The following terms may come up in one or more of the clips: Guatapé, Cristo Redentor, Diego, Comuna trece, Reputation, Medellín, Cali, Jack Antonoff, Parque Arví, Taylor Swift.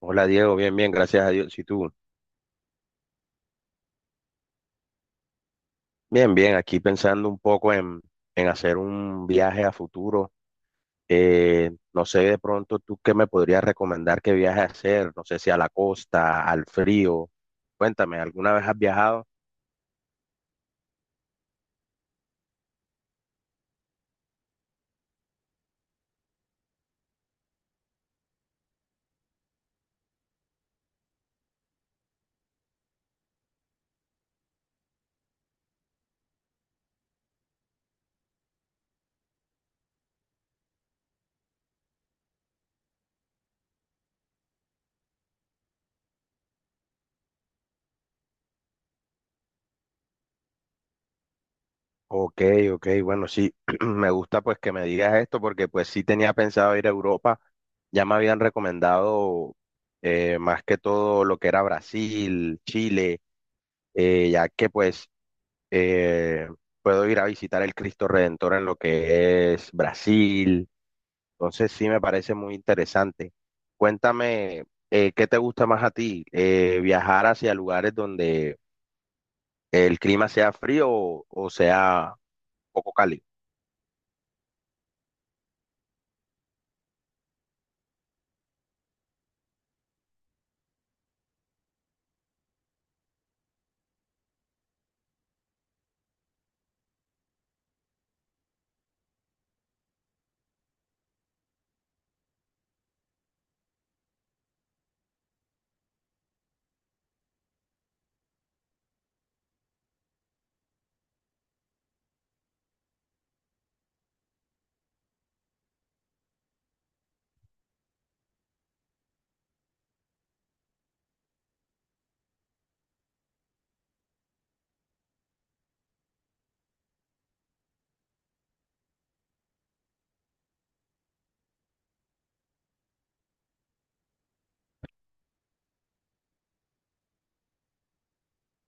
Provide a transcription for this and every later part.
Hola Diego, bien, bien, gracias a Dios. ¿Y tú? Bien, bien, aquí pensando un poco en hacer un viaje a futuro. No sé de pronto tú qué me podrías recomendar que viaje a hacer, no sé si a la costa, al frío. Cuéntame, ¿alguna vez has viajado? Ok, ok, bueno, sí, me gusta pues que me digas esto porque pues sí tenía pensado ir a Europa. Ya me habían recomendado más que todo lo que era Brasil, Chile, ya que pues eh, puedo ir a visitar el Cristo Redentor en lo que es Brasil. Entonces sí me parece muy interesante. Cuéntame, ¿qué te gusta más a ti? ¿Viajar hacia lugares donde el clima sea frío o sea poco cálido?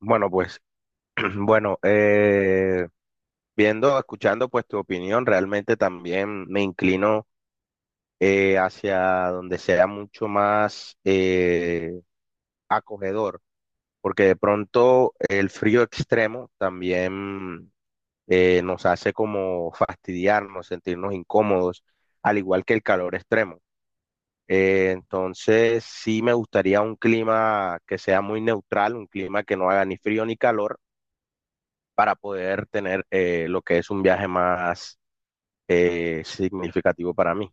Bueno, pues, bueno, viendo, escuchando pues tu opinión, realmente también me inclino hacia donde sea mucho más acogedor porque de pronto el frío extremo también nos hace como fastidiarnos, sentirnos incómodos, al igual que el calor extremo. Entonces, sí me gustaría un clima que sea muy neutral, un clima que no haga ni frío ni calor, para poder tener lo que es un viaje más significativo para mí.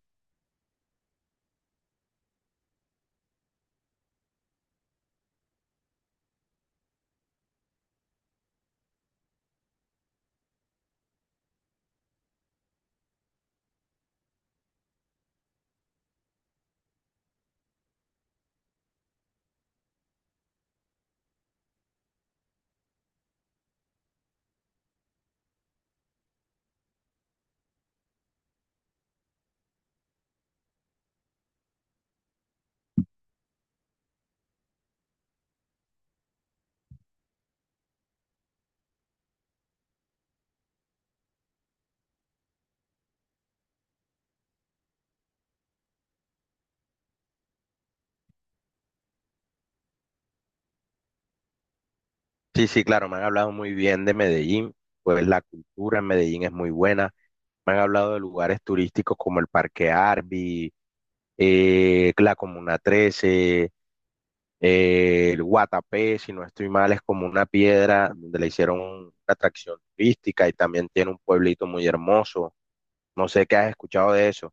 Sí, sí, claro, me han hablado muy bien de Medellín, pues la cultura en Medellín es muy buena. Me han hablado de lugares turísticos como el Parque Arví, la Comuna 13, el Guatapé, si no estoy mal, es como una piedra donde le hicieron una atracción turística y también tiene un pueblito muy hermoso. No sé qué has escuchado de eso.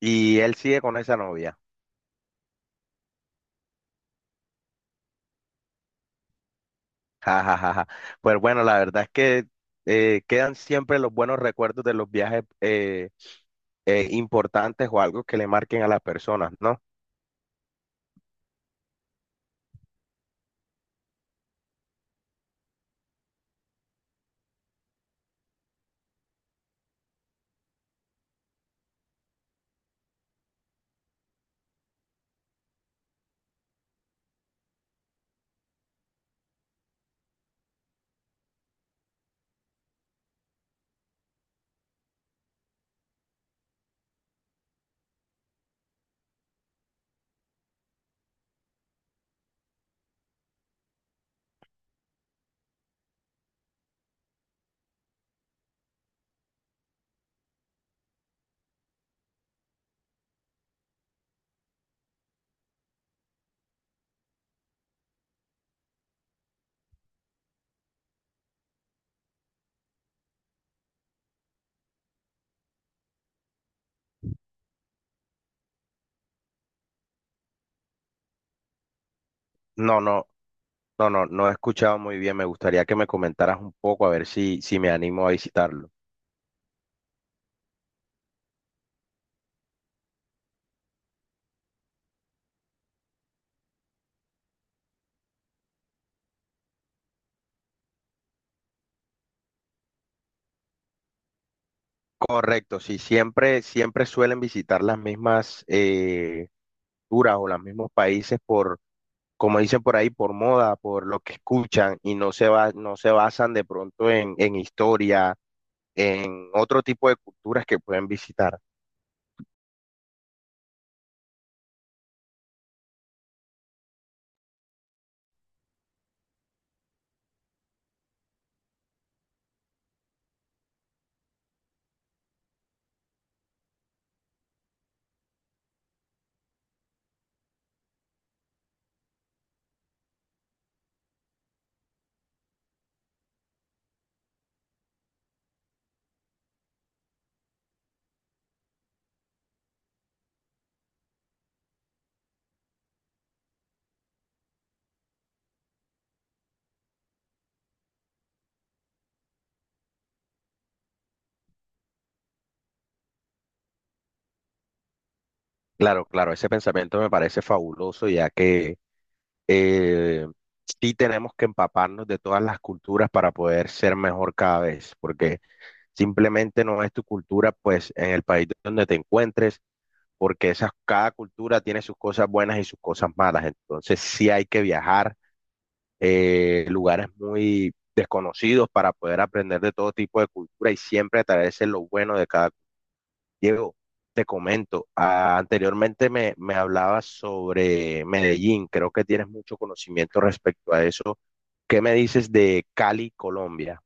¿Y él sigue con esa novia? Ja, ja, ja, ja. Pues bueno, la verdad es que quedan siempre los buenos recuerdos de los viajes importantes o algo que le marquen a las personas, ¿no? No, no, no, no, no he escuchado muy bien. Me gustaría que me comentaras un poco a ver si, si me animo a visitarlo. Correcto, sí, siempre, siempre suelen visitar las mismas culturas o los mismos países como dicen por ahí, por moda, por lo que escuchan y no se va, no se basan de pronto en historia, en otro tipo de culturas que pueden visitar. Claro, claro, ese pensamiento me parece fabuloso, ya que eh, sí tenemos que empaparnos de todas las culturas para poder ser mejor cada vez, porque simplemente no es tu cultura, pues en el país donde te encuentres porque esas, cada cultura tiene sus cosas buenas y sus cosas malas. Entonces sí hay que viajar lugares muy desconocidos para poder aprender de todo tipo de cultura y siempre traerse lo bueno de cada. Diego, te comento, ah, anteriormente me hablabas sobre Medellín, creo que tienes mucho conocimiento respecto a eso. ¿Qué me dices de Cali, Colombia?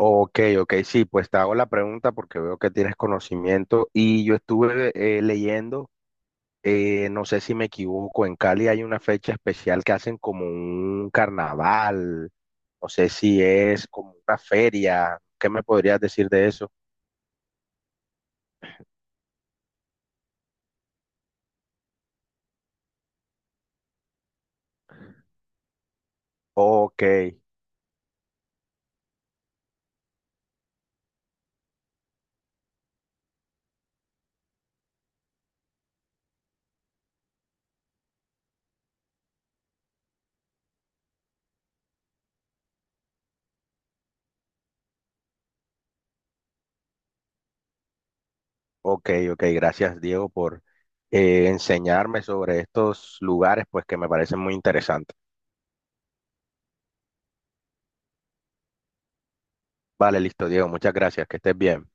Ok, ok, sí, pues te hago la pregunta porque veo que tienes conocimiento y yo estuve leyendo. No sé si me equivoco, en Cali hay una fecha especial que hacen como un carnaval, no sé si es como una feria, ¿qué me podrías decir de eso? Ok, ok, ok, gracias Diego por enseñarme sobre estos lugares, pues que me parecen muy interesantes. Vale, listo Diego, muchas gracias, que estés bien.